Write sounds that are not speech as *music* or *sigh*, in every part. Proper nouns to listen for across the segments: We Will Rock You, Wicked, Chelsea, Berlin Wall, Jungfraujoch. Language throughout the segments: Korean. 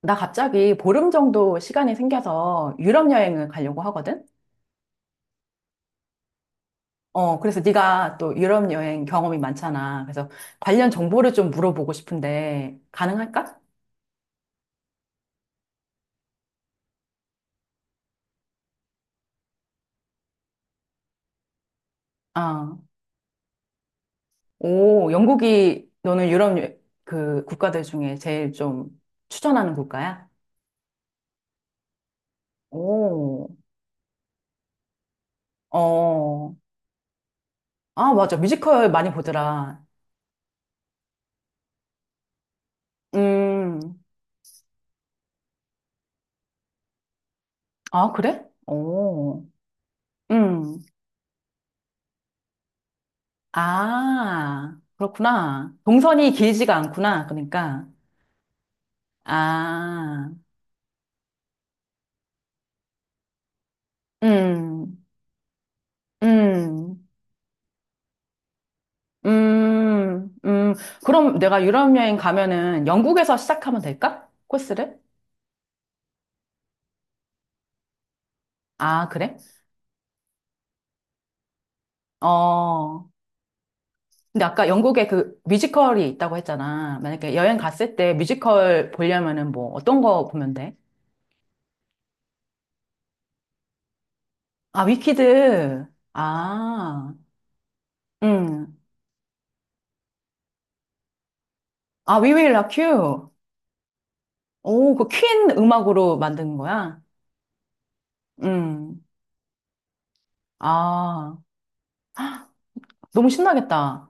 나 갑자기 보름 정도 시간이 생겨서 유럽 여행을 가려고 하거든? 어, 그래서 네가 또 유럽 여행 경험이 많잖아. 그래서 관련 정보를 좀 물어보고 싶은데 가능할까? 아, 오, 영국이 너는 그 국가들 중에 제일 좀 추천하는 국가야? 오, 어, 아, 맞아. 뮤지컬 많이 보더라. 음, 아, 그래? 오, 음. 아, 그렇구나. 동선이 길지가 않구나. 그러니까. 아, 음, 음, 음, 음. 그럼 내가 유럽 여행 가면은 영국에서 시작하면 될까? 코스를? 아, 그래? 어. 근데 아까 영국에 그 뮤지컬이 있다고 했잖아. 만약에 여행 갔을 때 뮤지컬 보려면은 뭐 어떤 거 보면 돼? 아, 위키드. 아, 음. 아, We Will Rock You. 오, 그 퀸 음악으로 만든 거야? 음. 아, 너무 신나겠다.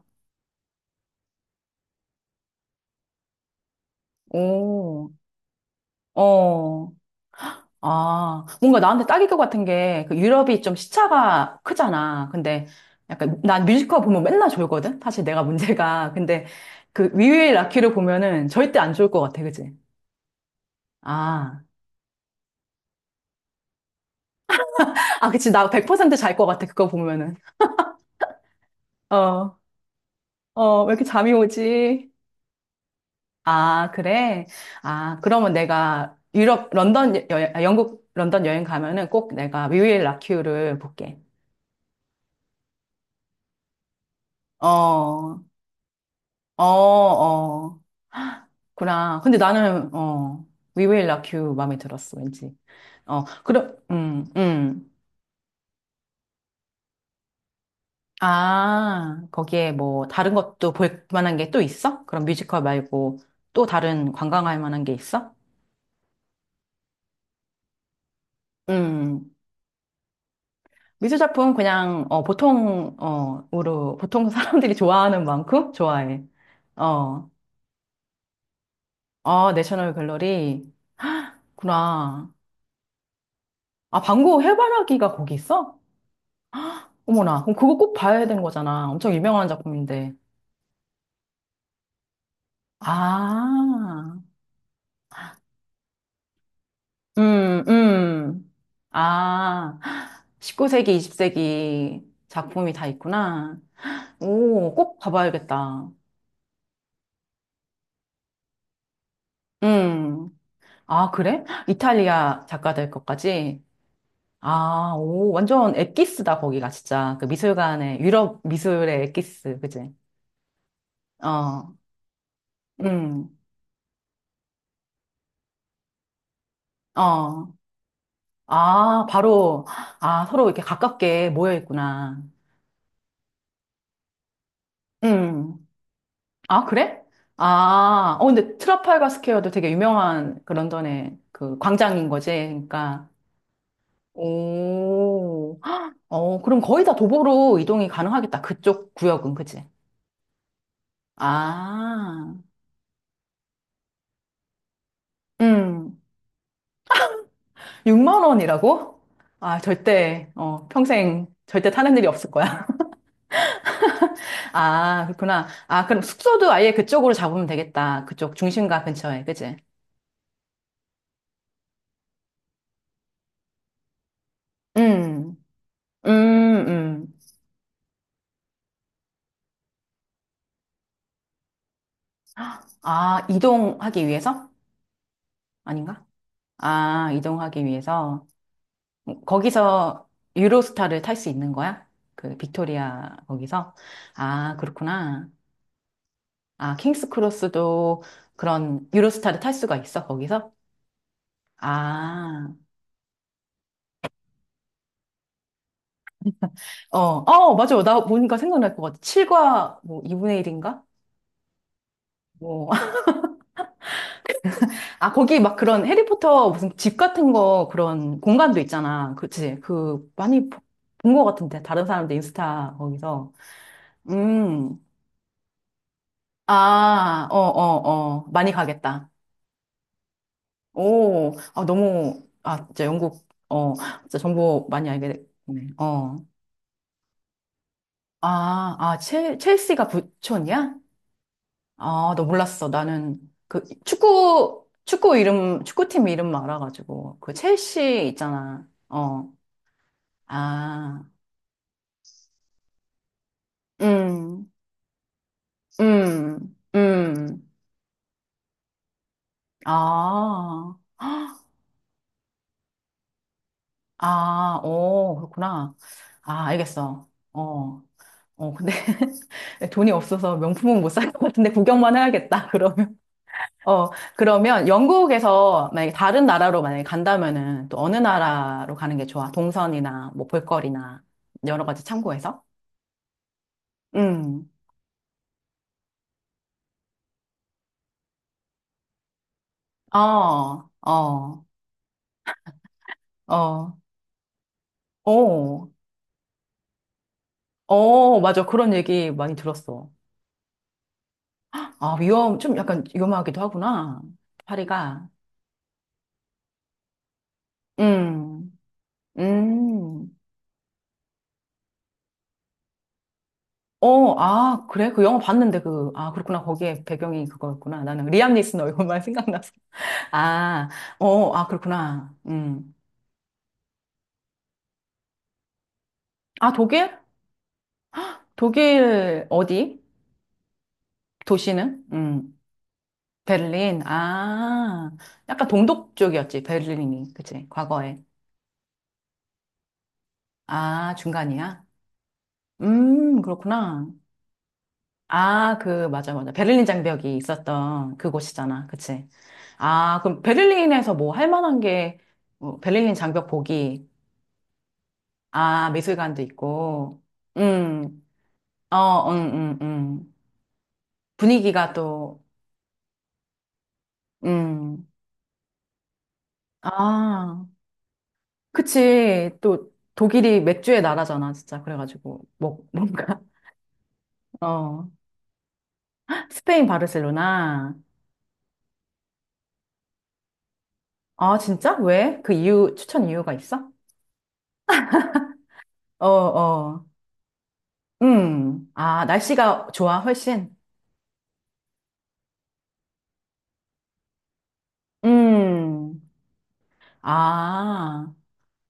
오, 어. 아, 뭔가 나한테 딱일 것 같은 게, 그 유럽이 좀 시차가 크잖아. 근데 약간, 난 뮤지컬 보면 맨날 졸거든? 사실 내가 문제가. 근데 그 위유의 라키를 보면은 절대 안 졸 것 같아, 그지? 아. *laughs* 아, 그치. 나 100%잘 것 같아, 그거 보면은. 어, 어, 왜 이렇게 잠이 오지? 아, 그래? 아, 그러면 내가 유럽, 런던, 영국, 런던 여행 가면은 꼭 내가 뮤일 라큐를 볼게. 어, 어, 어. *gasps* 구나. 근데 나는, 어, We Will Rock You 마음에 들었어, 왠지. 어, 그럼, 아, 거기에 뭐, 다른 것도 볼 만한 게 또 있어? 그럼 뮤지컬 말고 또 다른 관광할 만한 게 있어? 미술 작품 그냥 어, 보통 어으로 보통 사람들이 좋아하는 만큼 좋아해. 어. 아, 내셔널 갤러리구나. 아, 방구 해바라기가 거기 있어? 어머나. 그럼 그거 꼭 봐야 되는 거잖아. 엄청 유명한 작품인데. 아. 음, 음. 아. 19세기, 20세기 작품이 다 있구나. 오, 꼭 봐봐야겠다. 음. 아, 그래? 이탈리아 작가들 것까지? 아, 오, 완전 엑기스다, 거기가, 진짜. 그 미술관의, 유럽 미술의 엑기스, 그지? 어, 음, 어. 아, 바로, 아, 서로 이렇게 가깝게 모여 있구나. 음. 아, 그래? 아, 어, 근데 트라팔가 스퀘어도 되게 유명한 그 런던의 그 광장인 거지. 그러니까, 오, 어, 그럼 거의 다 도보로 이동이 가능하겠다. 그쪽 구역은, 그지? 아, 음. 6만 원이라고? 아, 절대, 어, 평생 절대 타는 일이 없을 거야. *laughs* 아, 그렇구나. 아, 그럼 숙소도 아예 그쪽으로 잡으면 되겠다. 그쪽 중심가 근처에, 그치? 음, 음, 음. *gasps* 아, 이동하기 위해서? 아닌가? 아, 이동하기 위해서. 거기서 유로스타를 탈 수 있는 거야? 그 빅토리아 거기서? 아, 그렇구나. 아, 킹스 크로스도 그런 유로스타를 탈 수가 있어, 거기서? 아, 어, 어, 맞아요. 나니까 생각날 것 같아. 7과 뭐 2분의 1인가? 뭐. *laughs* 아, 거기 막 그런 해리포터 무슨 집 같은 거 그런 공간도 있잖아. 그치? 그 많이 본 것 같은데. 다른 사람들 인스타 거기서. 음. 아, 어, 어, 어. 많이 가겠다. 오, 아, 너무, 아, 진짜 영국, 어, 진짜 정보 많이 알게 됐네. 어. 아, 아, 첼시가 부촌이야? 아, 너 몰랐어. 나는 그 축구, 축구 이름, 축구팀 이름만 알아가지고. 그 첼시 있잖아. 어. 아, 음, 음, 음. 아, 헉, 아, 오, 그렇구나. 아, 알겠어. 어, 어, 근데 *laughs* 돈이 없어서 명품은 못 살 것 같은데 구경만 해야겠다, 그러면. 어, 그러면 영국에서 만약에 다른 나라로 만약에 간다면은 또 어느 나라로 가는 게 좋아? 동선이나 뭐 볼거리나 여러 가지 참고해서? 음. 어, 어, 어, 어, 어, 맞아. 그런 얘기 많이 들었어. 아, 위험, 좀 약간 위험하기도 하구나. 파리가. 음, 음. 어, 아, 그래? 그 영화 봤는데 그, 아, 그렇구나. 거기에 배경이 그거였구나. 나는 리암 니슨 얼굴만 *laughs* 생각났어. 아, 어, 아, 그렇구나. 음. 아, 독일? 독일 어디? 도시는? 음. 베를린. 아, 약간 동독 쪽이었지, 베를린이. 그치, 과거에. 아, 중간이야? 그렇구나. 아, 그, 맞아, 맞아. 베를린 장벽이 있었던 그곳이잖아. 그치. 아, 그럼 베를린에서 뭐 할 만한 게, 뭐 베를린 장벽 보기. 아, 미술관도 있고. 음, 어, 음, 음. 분위기가 또, 음. 아, 그치. 또 독일이 맥주의 나라잖아, 진짜. 그래가지고 뭐 뭔가 *laughs* 어 스페인 바르셀로나. 아, 진짜? 왜? 그 이유 추천 이유가 있어? 어, 어. 음. 아, 날씨가 좋아, 훨씬. 음. 아,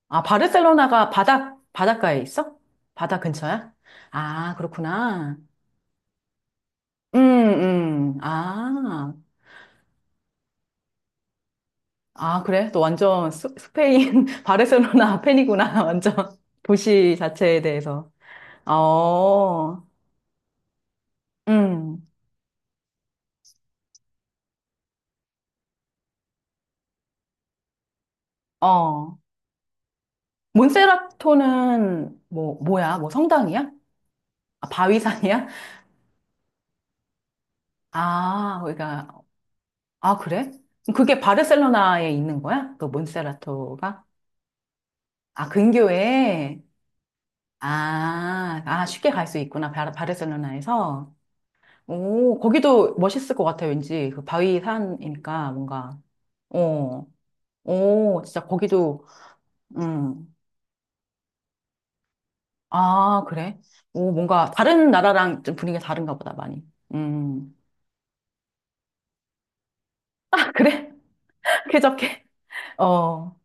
아, 바르셀로나가 바다 바닷가에 있어? 바다 근처야? 아, 그렇구나. 음, 아. 아, 그래? 너 완전 스페인, *laughs* 바르셀로나 팬이구나. *laughs* 완전. 도시 자체에 대해서. 어, 음, 어. 몬세라토는 뭐야? 뭐 성당이야? 아, 바위산이야? 아, 그러니까, 아, 그래? 그게 바르셀로나에 있는 거야? 그 몬세라토가? 아, 근교에? 아, 아, 쉽게 갈 수 있구나. 바르셀로나에서. 오, 거기도 멋있을 것 같아, 왠지. 그 바위산이니까 뭔가. 어. 오, 진짜 거기도, 음. 아, 그래? 오, 뭔가 다른 나라랑 좀 분위기가 다른가 보다, 많이. 음. *laughs* 아, 그래? *laughs* 쾌적해? 어.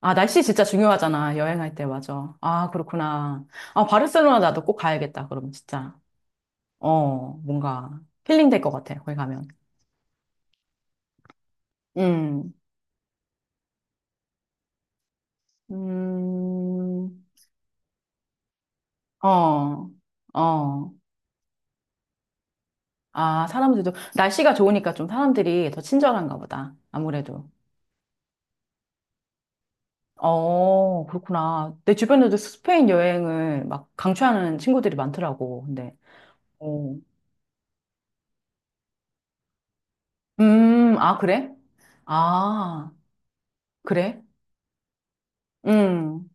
아, 날씨 진짜 중요하잖아. 여행할 때, 맞아. 아, 그렇구나. 아, 바르셀로나 나도 꼭 가야겠다, 그러면 진짜. 어, 뭔가 힐링 될 것 같아, 거기 가면. 음. 음. 어. 어. 아, 사람들도, 날씨가 좋으니까 좀 사람들이 더 친절한가 보다. 아무래도. 어, 그렇구나. 내 주변에도 스페인 여행을 막 강추하는 친구들이 많더라고. 근데, 어. 아, 그래? 아, 그래? 음,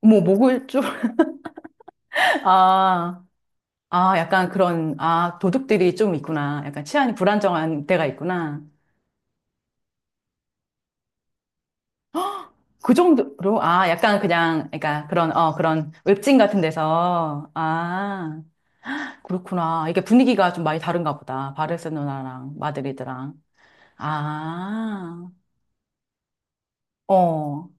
뭐, 먹을 줄. *laughs* 아, 아, 약간 그런, 아, 도둑들이 좀 있구나. 약간 치안이 불안정한 데가 있구나. 그 정도로, 아, 약간 그냥, 그러니까 그런, 어, 그런 웹진 같은 데서, 아, 그렇구나. 이게 분위기가 좀 많이 다른가 보다. 바르셀로나랑 마드리드랑. 아. 어,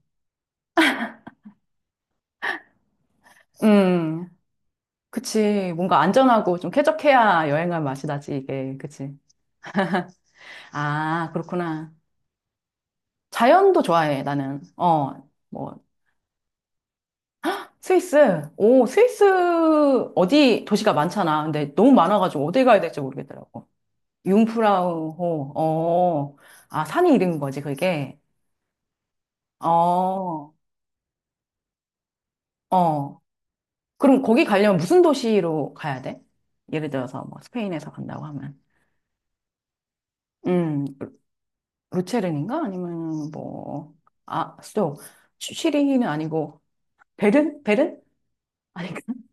음, 그치. 뭔가 안전하고 좀 쾌적해야 여행할 맛이 나지, 이게. 그치. 아, 그렇구나. 자연도 좋아해, 나는. 어, 뭐, 스위스. 오, 스위스 어디 도시가 많잖아. 근데 너무 많아가지고 어디 가야 될지 모르겠더라고. 융프라우호, 어, 아, 산이 이름인 거지, 그게. 어, 어. 그럼 거기 가려면 무슨 도시로 가야 돼? 예를 들어서 뭐 스페인에서 간다고 하면. 음. 루체른인가? 아니면 뭐, 아, 수도, 시리히는 아니고, 베른? 베른? 아닌가? *laughs*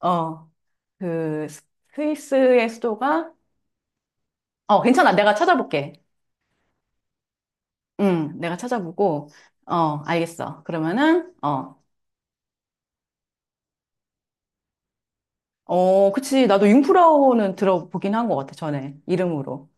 어, 그, 스- 스위스의 수도가, 어, 괜찮아. 내가 찾아볼게. 응, 내가 찾아보고, 어, 알겠어. 그러면은, 어, 어, 그치. 나도 융프라우는 들어보긴 한 것 같아, 전에. 이름으로.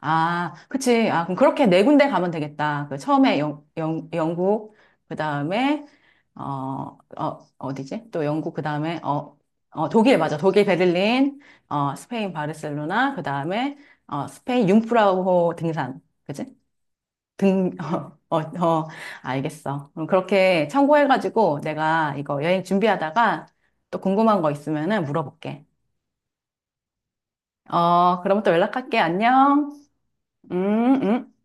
아, 그치. 아, 그럼 그렇게 4군데 가면 되겠다. 그 처음에 영국, 그 다음에, 어, 어, 어디지? 또 영국, 그 다음에, 어, 어, 독일, 맞아. 독일, 베를린, 어, 스페인, 바르셀로나, 그 다음에, 어, 스페인, 융프라우호 등산. 그치? 등, *laughs* 어, 어, 어, 알겠어. 그럼 그렇게 참고해가지고 내가 이거 여행 준비하다가 또 궁금한 거 있으면은 물어볼게. 어, 그러면 또 연락할게. 안녕. 음, 음.